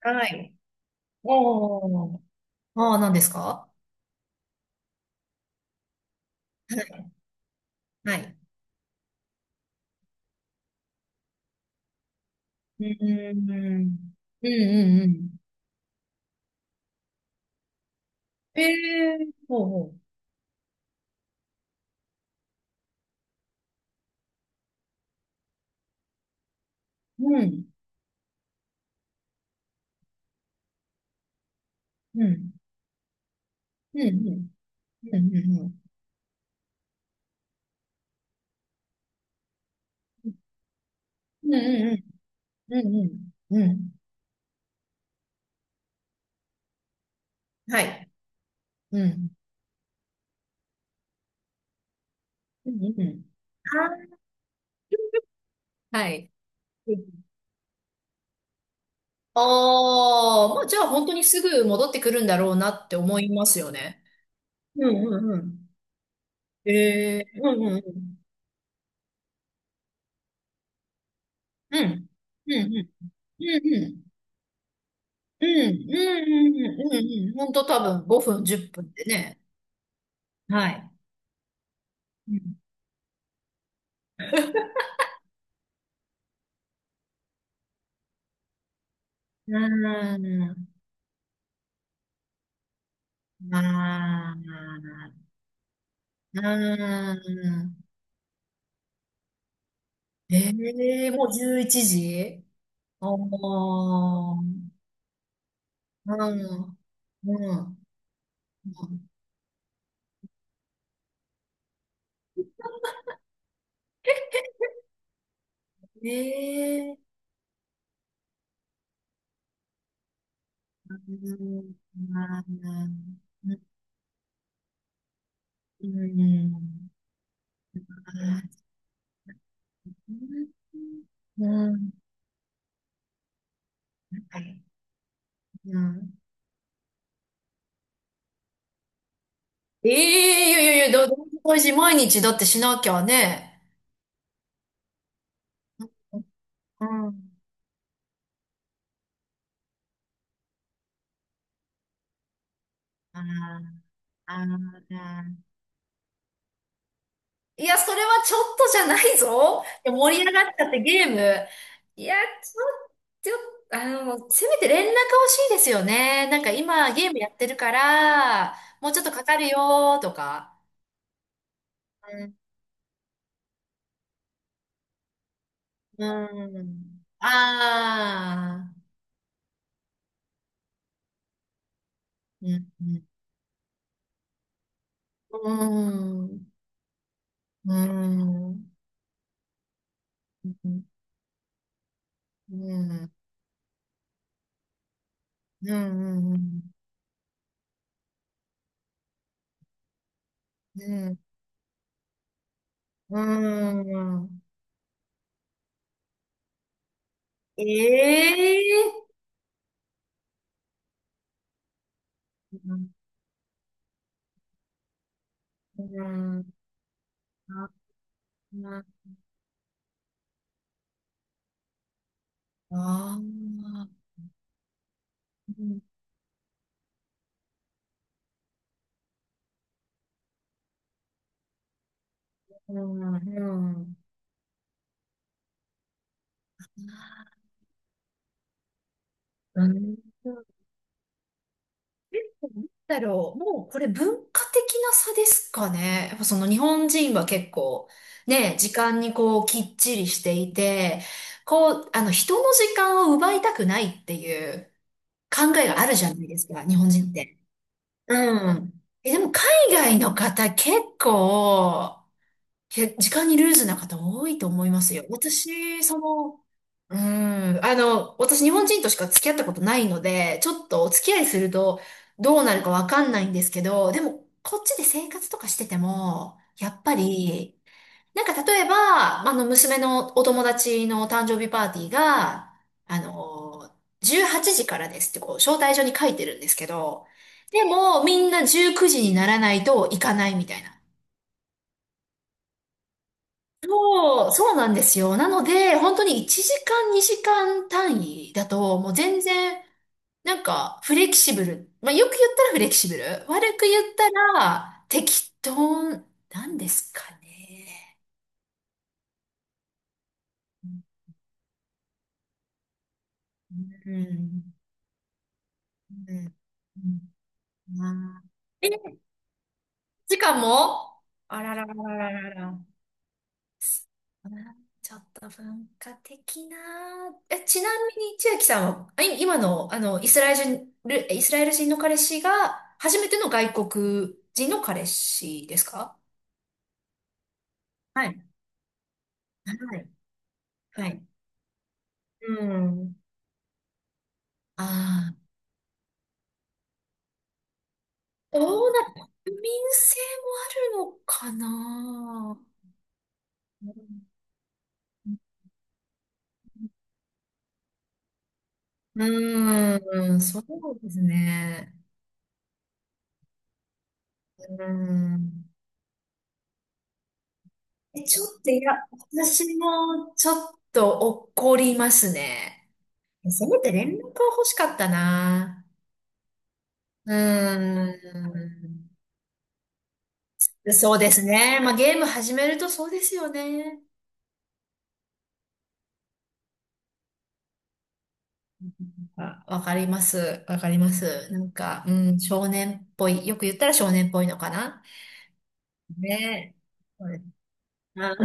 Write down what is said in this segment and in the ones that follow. はい。おー。ああ、何ですか？はい。うーん。うんうんうん。ええー、ほうほうん。うん。うんうん。うんうんうん。うんうんうん。うんうん。はい。うん。うんうんうん。うんうんうんはいうんうんうんうんはいはい。ああ、まあじゃあ本当にすぐ戻ってくるんだろうなって思いますよね。うんうんうん。ええーうんうんうん。うん。うんうん。うんうん。We now at 5 snaps. Well it's lifestyles? Just like it in 11 days, the rest of the day. ええ、いやいやいや、大事、毎日だってしなきゃね。うん。あーあー、いや、それはちょっとじゃないぞ。いや、盛り上がっちゃってゲーム。いや、ちょっと、あの、せめて連絡欲しいですよね。なんか今ゲームやってるから、もうちょっとかかるよとか。うん。うんああ、うん、うん、うん、うん。うんうんうんうんうんうんええうんうんああうんうんうん、なんだろう、もうこれ文化的な差ですかね。やっぱその日本人は結構ね、時間にこうきっちりしていて、こう、あの人の時間を奪いたくないっていう考えがあるじゃないですか、日本人って。うん。え、でも海外の方結構、時間にルーズな方多いと思いますよ。私、その、うん、あの、私日本人としか付き合ったことないので、ちょっとお付き合いするとどうなるかわかんないんですけど、でもこっちで生活とかしてても、やっぱりなんか例えば、あの、娘のお友達の誕生日パーティーが、あの、18時からですってこう、招待状に書いてるんですけど、でも、みんな19時にならないと行かないみたいな。そう、そうなんですよ。なので、本当に1時間、2時間単位だと、もう全然、なんか、フレキシブル。まあ、よく言ったらフレキシブル。悪く言ったら、適当なんですかね。うん。うん。うんあーえ、時間もあららららららら。あー、ちょっと文化的な。え、ちなみに千秋さんは、今の、あの、イスラエル人の彼氏が、初めての外国人の彼氏ですか？はい。はい。はい。うん。ああ、どうな、国民性もあるのかな。うん、うんそうですね。うん。え、ちょっと、いや、私もちょっと怒りますね。せめて連絡は欲しかったな。うーん。そうですね。まあ、ゲーム始めるとそうですよね。あ、わかります。わかります。なんか、うん、少年っぽい。よく言ったら少年っぽいのかな。ねそうですあ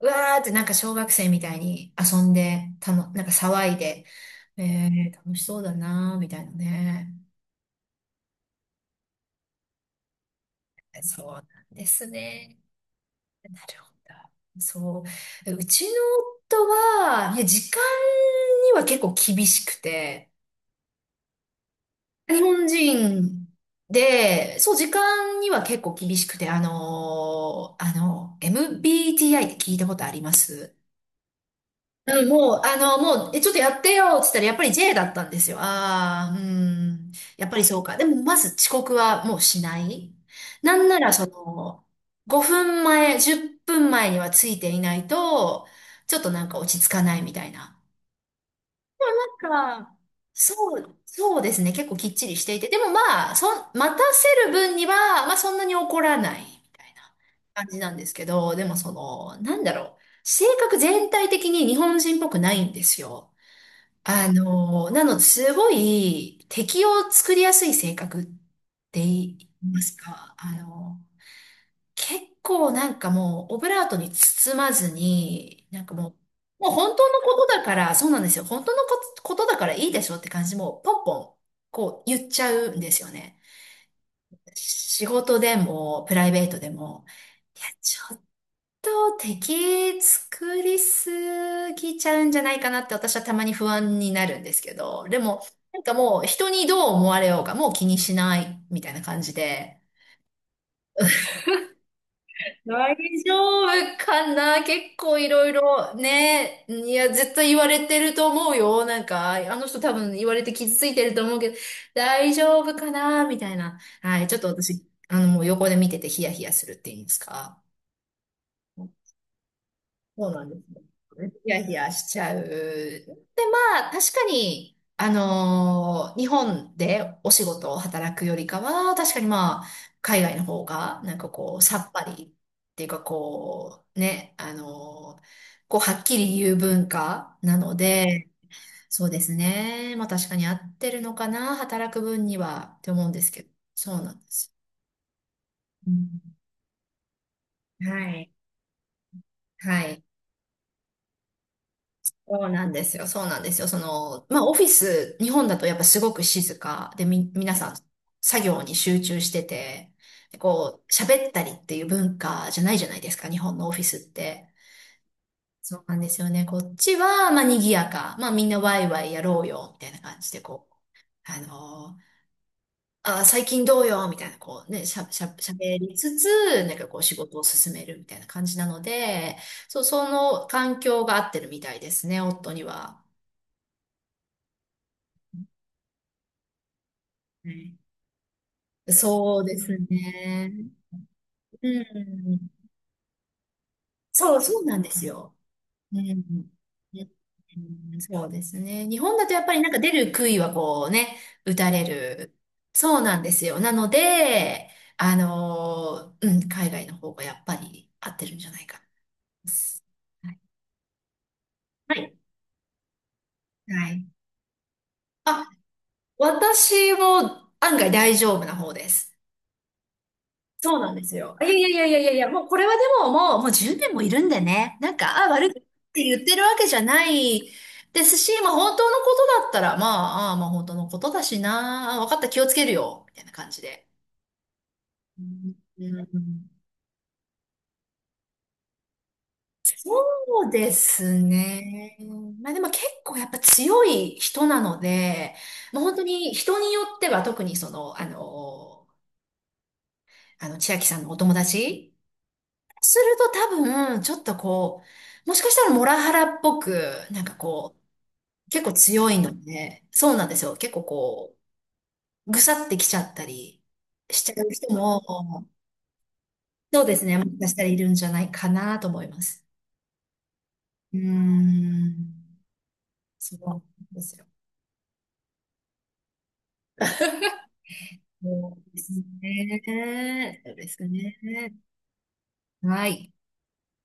うわーってなんか小学生みたいに遊んで、なんか騒いで、え楽しそうだなーみたいなね。そうなんですね。なるほど。そう。うちの夫は、いや、時間には結構厳しくて、日本人で、そう、時間には結構厳しくて、MBTI って聞いたことあります？うん、もう、あの、もう、え、ちょっとやってよ、つったら、やっぱり J だったんですよ。ああ、うん。やっぱりそうか。でも、まず遅刻はもうしない。なんなら、その、5分前、10分前にはついていないと、ちょっとなんか落ち着かないみたいな。なんか、そう、そうですね。結構きっちりしていて。でもまあ、待たせる分には、まあそんなに怒らないみたいな感じなんですけど、でもその、なんだろう。性格全体的に日本人っぽくないんですよ。あのー、なので、すごい敵を作りやすい性格って言いますか、あのー、結構なんかもう、オブラートに包まずに、なんかもう、もう本当のことだから、そうなんですよ。本当のことだからいいでしょって感じ、もうポンポン、こう言っちゃうんですよね。仕事でも、プライベートでも、いや、ちと敵作りすぎちゃうんじゃないかなって私はたまに不安になるんですけど、でも、なんかもう人にどう思われようがもう気にしないみたいな感じで、大丈夫かな、結構いろいろね、いや、絶対言われてると思うよ。なんか、あの人多分言われて傷ついてると思うけど、大丈夫かなみたいな。はい、ちょっと私、あの、もう横で見ててヒヤヒヤするっていうんですか。そうなんですね。ヒヤヒヤしちゃう。で、まあ、確かに、あのー日本でお仕事を働くよりかは、確かにまあ、海外の方が、なんかこう、さっぱりっていうか、こう、ね、あのーこう、はっきり言う文化なので、そうですね。まあ、確かに合ってるのかな、働く分には、って思うんですけど、そうなんです。うんはい。はい。そうなんですよ。そうなんですよ。その、まあ、オフィス、日本だとやっぱすごく静かで、皆さん作業に集中してて、こう、喋ったりっていう文化じゃないじゃないですか、日本のオフィスって。そうなんですよね。こっちは、まあ、賑やか。まあ、みんなワイワイやろうよ、みたいな感じで、こう、あのー最近どうよ、みたいな、こうね、しゃ、しゃ、喋りつつ、なんかこう、仕事を進めるみたいな感じなので、そう、その環境が合ってるみたいですね、夫には。はいそうですね。うん。そう、そうなんですよ。うん。うんそうですね。日本だとやっぱりなんか出る杭はこうね、打たれる。そうなんですよ。なので、あのー、うん、海外の方がやっぱり合ってるんじゃないかな。はい。はい。はいあ、私も案外大丈夫な方です。そうなんですよ。いやいやいやいやいやいや、もうこれはでももう、もう10年もいるんでね。なんか、あ、悪くって言ってるわけじゃないですし、まあ本当のことだったら、まあ、ああまあ本当のことだしな、あ分かった、気をつけるよ、みたいな感じで。うんうんそうですね。まあでも結構やっぱ強い人なので、まあ本当に人によっては特にその、あの、千秋さんのお友達すると多分、ちょっとこう、もしかしたらモラハラっぽく、なんかこう、結構強いので、そうなんですよ。結構こう、ぐさってきちゃったりしちゃう人も、そうですね。もしかしたらいるんじゃないかなと思います。うーん。そうなんですよ。そうですね。そうですね。はい。